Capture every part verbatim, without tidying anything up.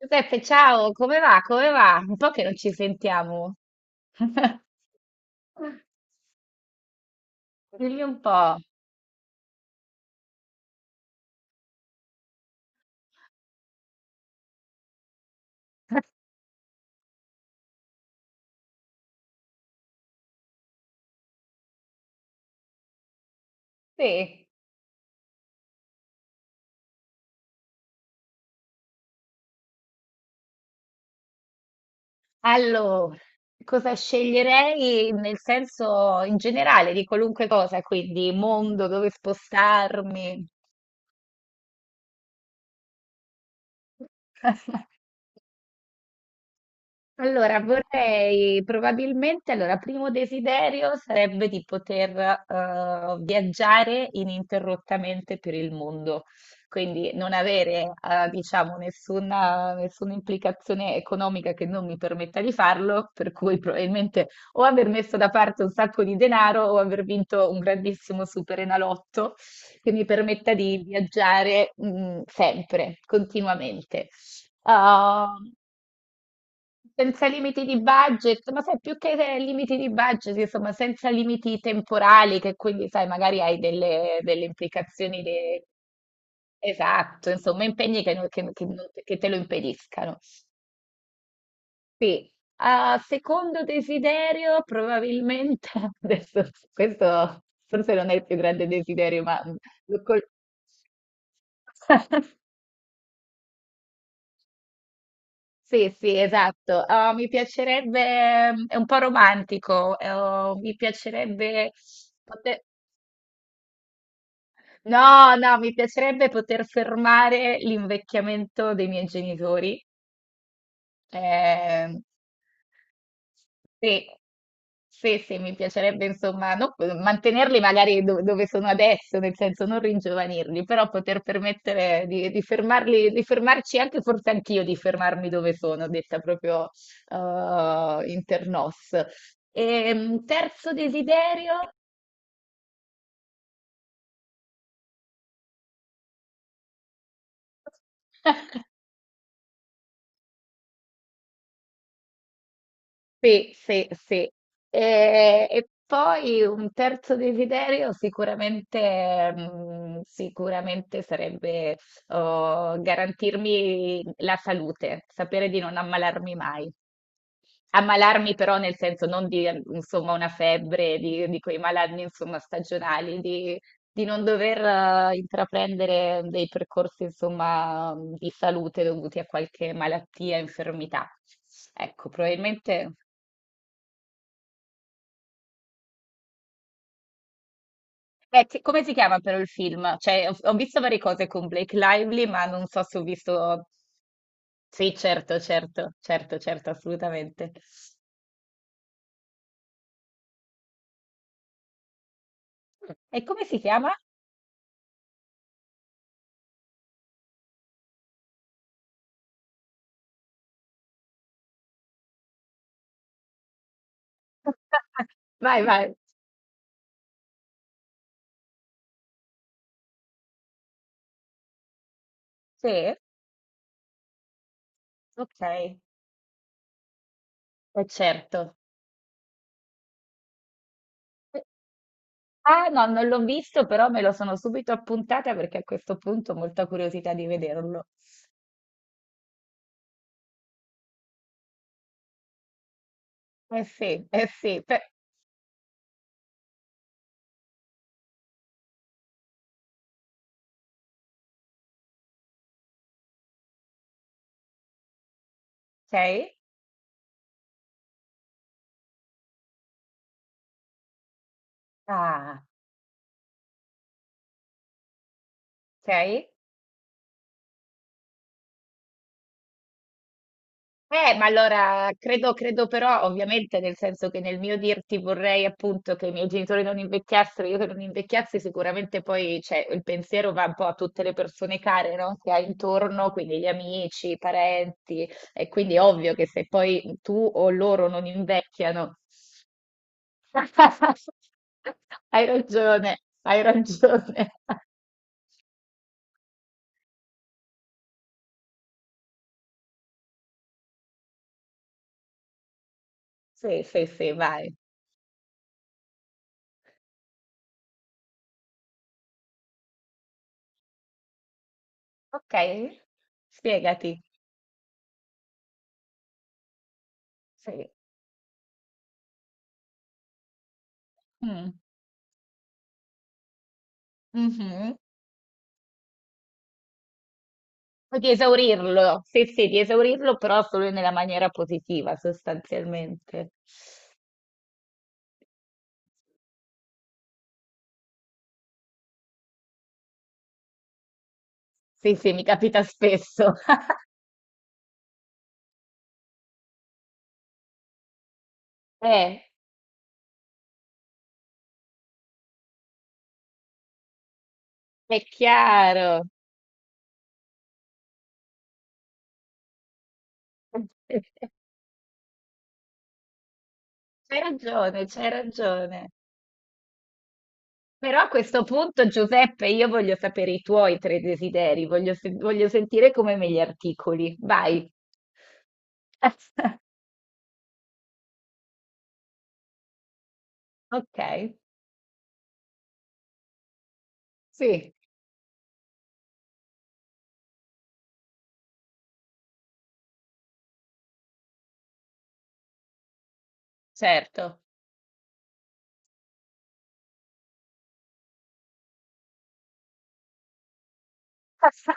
Giuseppe, ciao, come va? Come va? Un po' che non ci sentiamo. Dimmi un po'. Sì. Allora, cosa sceglierei nel senso in generale di qualunque cosa, quindi mondo, dove spostarmi? Allora, vorrei probabilmente, allora, primo desiderio sarebbe di poter eh, viaggiare ininterrottamente per il mondo, quindi non avere, eh, diciamo, nessuna, nessuna implicazione economica che non mi permetta di farlo, per cui probabilmente o aver messo da parte un sacco di denaro o aver vinto un grandissimo superenalotto che mi permetta di viaggiare, mm, sempre, continuamente. Ehm, Senza limiti di budget, ma sai, più che eh, limiti di budget, insomma, senza limiti temporali, che quindi, sai, magari hai delle, delle implicazioni de- esatto, insomma, impegni che, non- che- che non- che te lo impediscano. Sì. Ah, secondo desiderio, probabilmente, adesso, questo forse non è il più grande desiderio, ma lo col- Sì, sì, esatto. Ah, mi piacerebbe, è un po' romantico, eh, oh, mi piacerebbe poter, no, no, mi piacerebbe poter fermare l'invecchiamento dei miei genitori. Eh, Sì, sì, sì, mi piacerebbe insomma non- mantenerli magari do- dove sono adesso, nel senso non ringiovanirli, però poter permettere di, di fermarli, di fermarci anche, forse anch'io di fermarmi dove sono, detta proprio eh, in internos. E, terzo desiderio? Sì, sì, sì. E, e poi un terzo desiderio sicuramente, mm, sicuramente sarebbe oh, garantirmi la salute, sapere di non ammalarmi mai. Ammalarmi però nel senso non di eh, insomma, una febbre, di, di quei malanni insomma, stagionali, di, di non dover eh, intraprendere dei percorsi insomma, di salute dovuti a qualche malattia, infermità. Ecco, probabilmente... Beh, ti- come si chiama però il film? Cioè, ho, ho visto varie cose con Blake Lively, ma non so se ho visto... Sì, certo, certo, certo, certo, assolutamente. E come si chiama? Vai, vai. Sì, ok, eh, certo. Ah, no, non l'ho visto, però me lo sono subito appuntata perché a questo punto ho molta curiosità di vederlo. Eh sì, eh sì, per- ok. Ah, ok. Eh, ma allora credo, credo però, ovviamente, nel senso che nel mio dirti vorrei appunto che i miei genitori non invecchiassero, io che non invecchiassi, sicuramente poi cioè, il pensiero va un po' a tutte le persone care, no? Che hai intorno, quindi gli amici, i parenti, e quindi è ovvio che se poi tu o loro non invecchiano, hai ragione, hai ragione. Sì, sì, sì, vai. Ok, spiegati. Sì. Mm. Mhm. Di esaurirlo, sì, sì, di esaurirlo, però solo nella maniera positiva, sostanzialmente. Sì, sì, mi capita spesso. Eh, è chiaro. C'hai ragione, c'hai ragione. Però a questo punto, Giuseppe, io voglio sapere i tuoi tre desideri, voglio, sen- voglio sentire come me li articoli. Vai. Ok, sì, certo.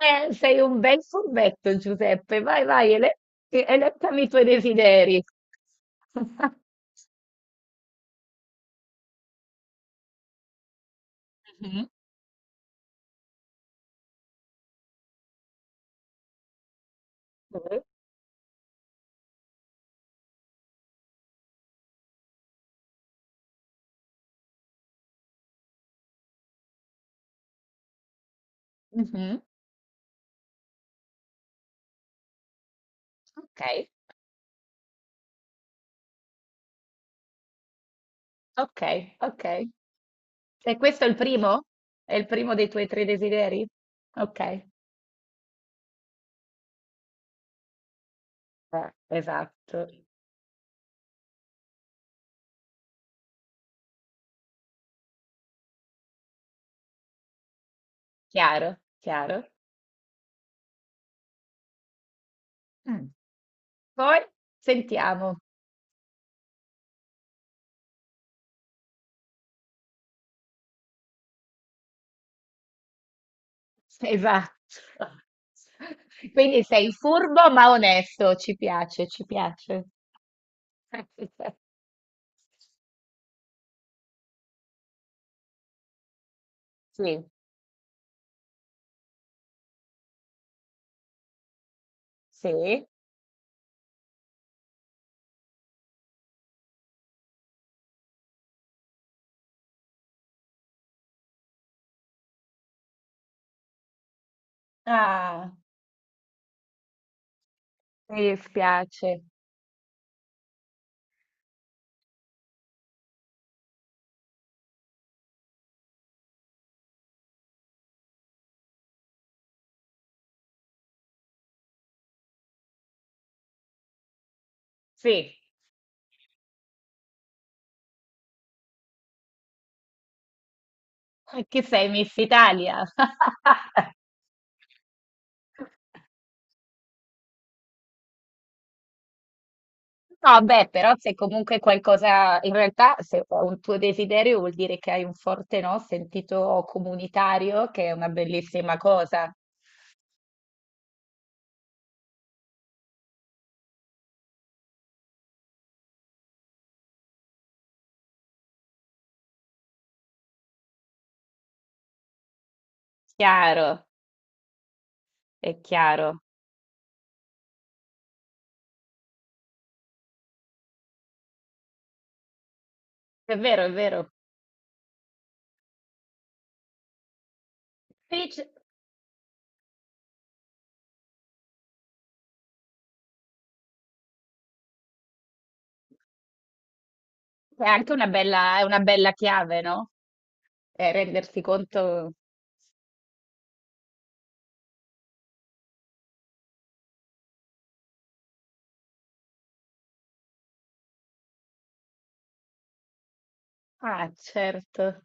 Eh, sei un bel furbetto, Giuseppe. Vai, vai, ele- eleccami i tuoi desideri. Mhm, Mhm. Mhm. Ok, ok, ok. E questo è il primo? È il primo dei tuoi tre desideri? Ok, eh, esatto. Chiaro, chiaro. Mm. Poi sentiamo. Esatto. Quindi sei furbo ma onesto, ci piace, ci piace. Sì, sì. Ah, mi dispiace. Sì, che sei Miss Italia. No, beh, però se comunque qualcosa, in realtà se è un tuo desiderio vuol dire che hai un forte, no, sentito comunitario, che è una bellissima cosa. Chiaro, è chiaro. È vero, è vero. Sì, c- è anche una bella, è una bella chiave, no? Eh, rendersi conto. Ah, certo.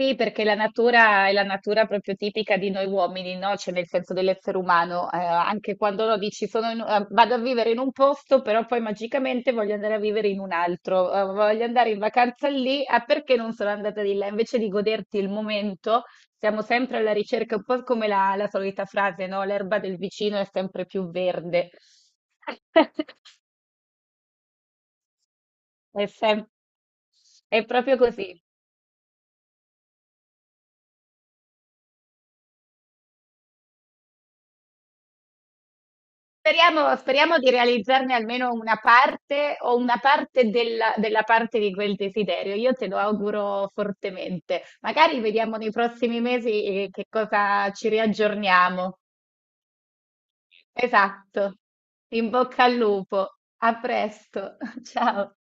Sì, perché la natura è la natura proprio tipica di noi uomini, no? Cioè nel senso dell'essere umano, eh, anche quando no, dici sono in- eh, vado a vivere in un posto, però poi magicamente voglio andare a vivere in un altro, eh, voglio andare in vacanza lì, ah perché non sono andata di là? Invece di goderti il momento, siamo sempre alla ricerca, un po' come la, la solita frase, no? L'erba del vicino è sempre più verde. È sem- è proprio così. Speriamo speriamo di realizzarne almeno una parte o una parte della della parte di quel desiderio. Io te lo auguro fortemente. Magari vediamo nei prossimi mesi, eh, che cosa ci riaggiorniamo. Esatto. In bocca al lupo. A presto. Ciao.